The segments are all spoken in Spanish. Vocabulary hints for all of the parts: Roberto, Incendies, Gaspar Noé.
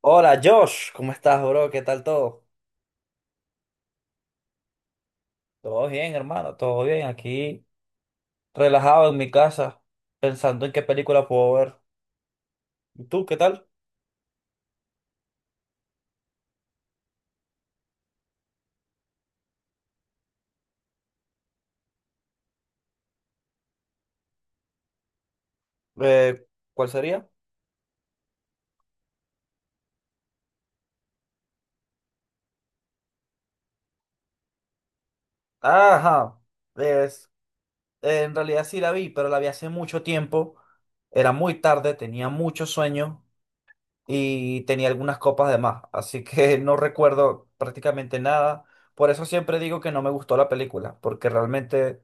Hola Josh, ¿cómo estás, bro? ¿Qué tal todo? Todo bien, hermano, todo bien. Aquí relajado en mi casa, pensando en qué película puedo ver. ¿Y tú, qué tal? Eh, ¿Cuál sería? Ajá, es, en realidad sí la vi, pero la vi hace mucho tiempo. Era muy tarde, tenía mucho sueño y tenía algunas copas de más, así que no recuerdo prácticamente nada. Por eso siempre digo que no me gustó la película, porque realmente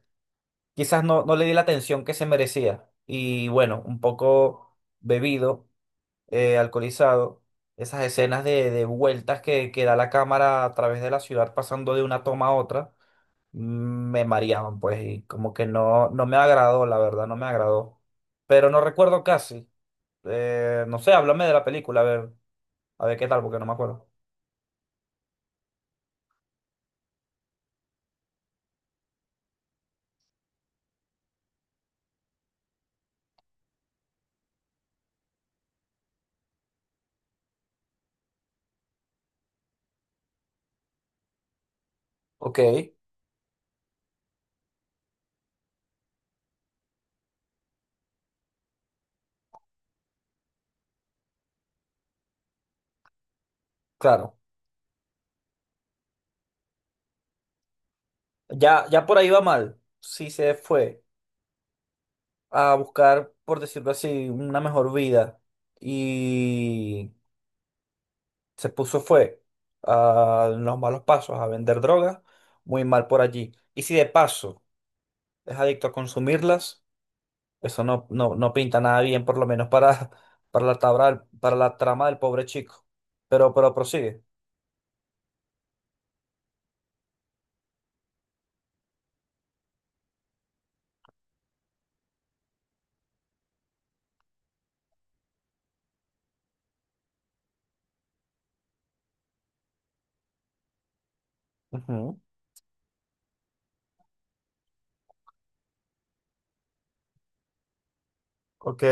quizás no, no le di la atención que se merecía. Y bueno, un poco bebido, alcoholizado, esas escenas de vueltas que da la cámara a través de la ciudad pasando de una toma a otra, mm, me mareaban, pues, y como que no, no me agradó, la verdad, no me agradó. Pero no recuerdo casi. No sé, háblame de la película, a ver qué tal, porque no me acuerdo. Ok, claro. Ya, ya por ahí va mal. Sí se fue a buscar, por decirlo así, una mejor vida y se puso fue a los malos pasos, a vender drogas, muy mal por allí. Y si de paso es adicto a consumirlas, eso no, no, no pinta nada bien, por lo menos para, para para la trama del pobre chico. Pero prosigue. Ujú, ok.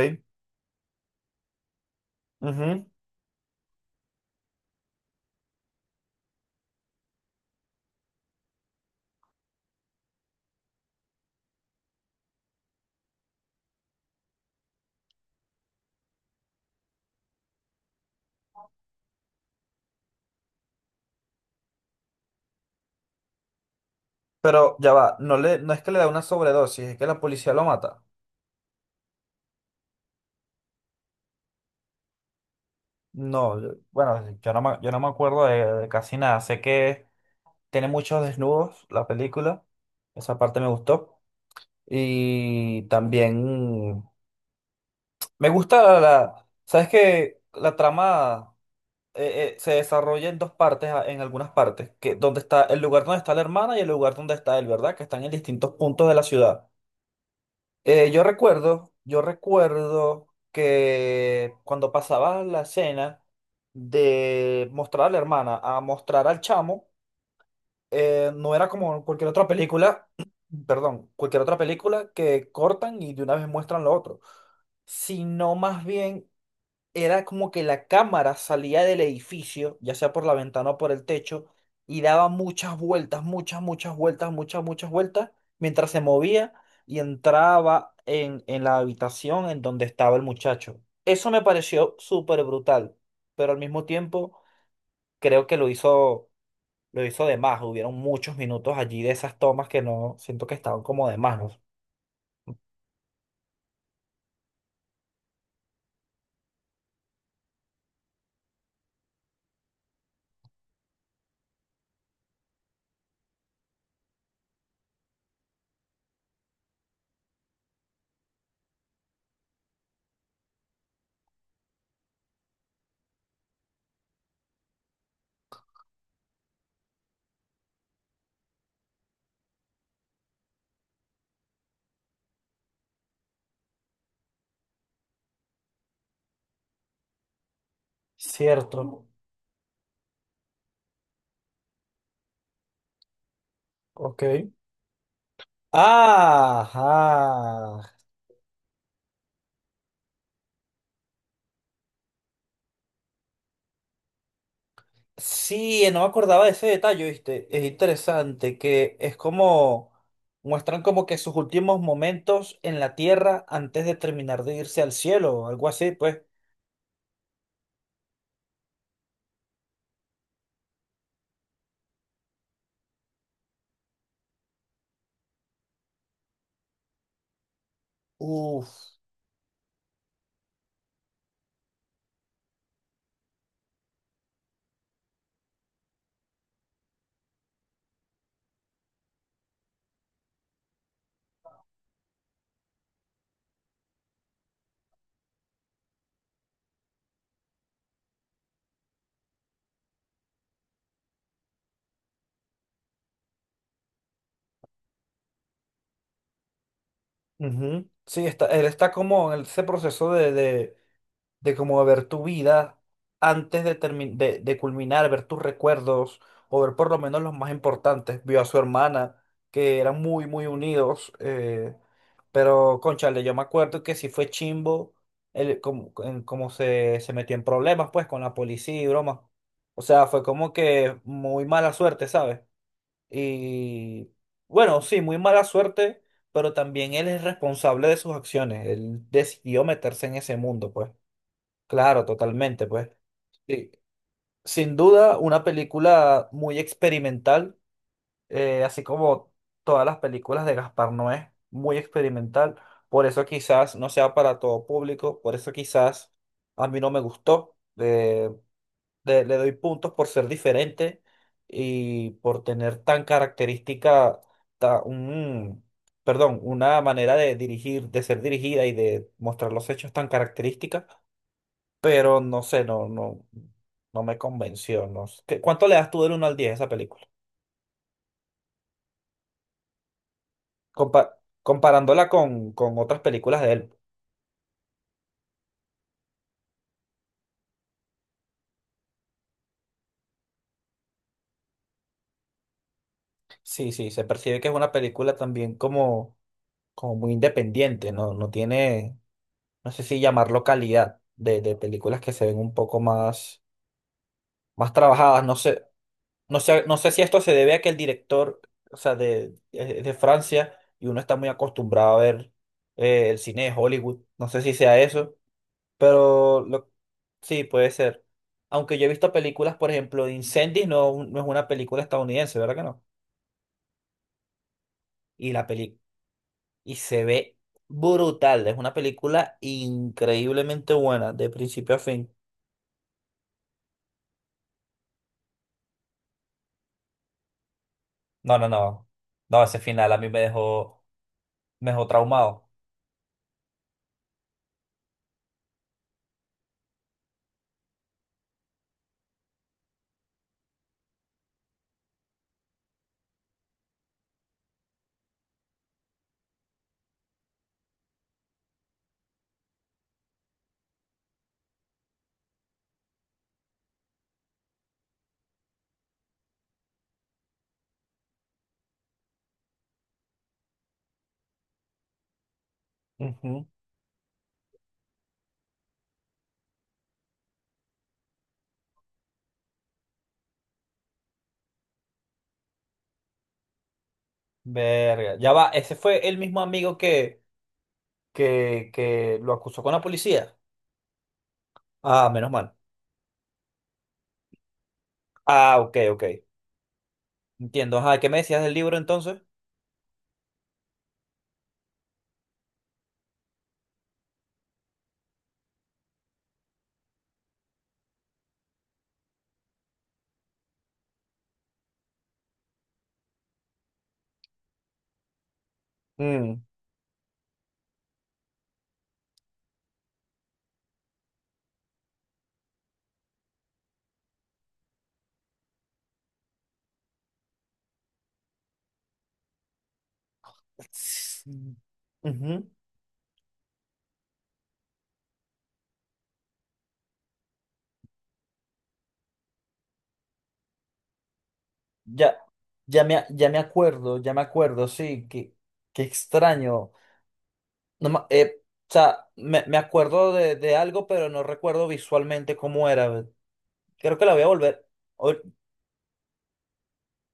Ujú. Pero ya va, no es que le da una sobredosis, es que la policía lo mata. No, bueno, yo no me acuerdo de casi nada. Sé que tiene muchos desnudos la película. Esa parte me gustó. Y también me gusta ¿Sabes que la trama se desarrolla en dos partes, en algunas partes, que donde está el lugar donde está la hermana y el lugar donde está él, ¿verdad? Que están en distintos puntos de la ciudad. Yo recuerdo que cuando pasaba la escena de mostrar a la hermana a mostrar al chamo, no era como cualquier otra película, perdón, cualquier otra película que cortan y de una vez muestran lo otro, sino más bien era como que la cámara salía del edificio, ya sea por la ventana o por el techo, y daba muchas vueltas, muchas, muchas vueltas, muchas, muchas vueltas, mientras se movía y entraba en la habitación en donde estaba el muchacho. Eso me pareció súper brutal, pero al mismo tiempo creo que lo hizo de más. Hubieron muchos minutos allí de esas tomas que no siento que estaban como de más, ¿no? Cierto. Ok. Ajá. Sí, no me acordaba de ese detalle, ¿viste? Es interesante que es como muestran como que sus últimos momentos en la tierra antes de terminar de irse al cielo o algo así, pues. Uf. Ujú. Sí, él está como en ese proceso de como ver tu vida antes de culminar, ver tus recuerdos o ver por lo menos los más importantes. Vio a su hermana, que eran muy, muy unidos, pero cónchale, yo me acuerdo que sí fue chimbo como se metió en problemas pues con la policía y broma. O sea, fue como que muy mala suerte, ¿sabes? Y bueno, sí, muy mala suerte, pero también él es responsable de sus acciones. Él decidió meterse en ese mundo, pues. Claro, totalmente, pues. Sí. Sin duda, una película muy experimental, así como todas las películas de Gaspar Noé, muy experimental. Por eso quizás no sea para todo público, por eso quizás a mí no me gustó. Le doy puntos por ser diferente y por tener tan característica, ta- un, perdón, una manera de dirigir, de ser dirigida y de mostrar los hechos tan característica, pero no sé, no, no, no me convenció. No sé. ¿Cuánto le das tú del 1 al 10 a esa película? Compa- comparándola con otras películas de él. Sí, sí, se percibe que es una película también como, muy independiente, ¿no? No tiene, no sé si llamarlo calidad de películas que se ven un poco más trabajadas. No sé, no sé, no sé si esto se debe a que el director, o sea, es de Francia, y uno está muy acostumbrado a ver el cine de Hollywood. No sé si sea eso. Pero sí, puede ser. Aunque yo he visto películas, por ejemplo, de Incendies, no, no es una película estadounidense, ¿verdad que no? Y la peli... y se ve brutal. Es una película increíblemente buena, de principio a fin. No, no, no. No, ese final a mí me dejó traumado. Ujú. Verga. Ya va, ese fue el mismo amigo que lo acusó con la policía. Ah, menos mal. Ah, ok, ok. Entiendo. Ajá, ¿qué me decías del libro entonces? Ujú. Ya, ya me acuerdo, sí, qué extraño. No, o sea, me acuerdo de algo, pero no recuerdo visualmente cómo era. Creo que la voy a volver. o-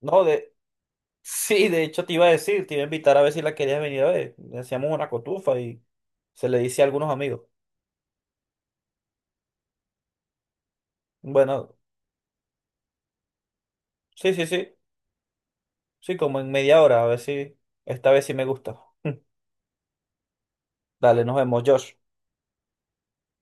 no, sí, de hecho te iba a decir, te iba a invitar a ver si la querías venir a ver. Hacíamos una cotufa y se le dice a algunos amigos. Bueno, sí, sí, sí, sí, como en media hora, a ver si esta vez sí me gusta. Dale, nos vemos, Josh.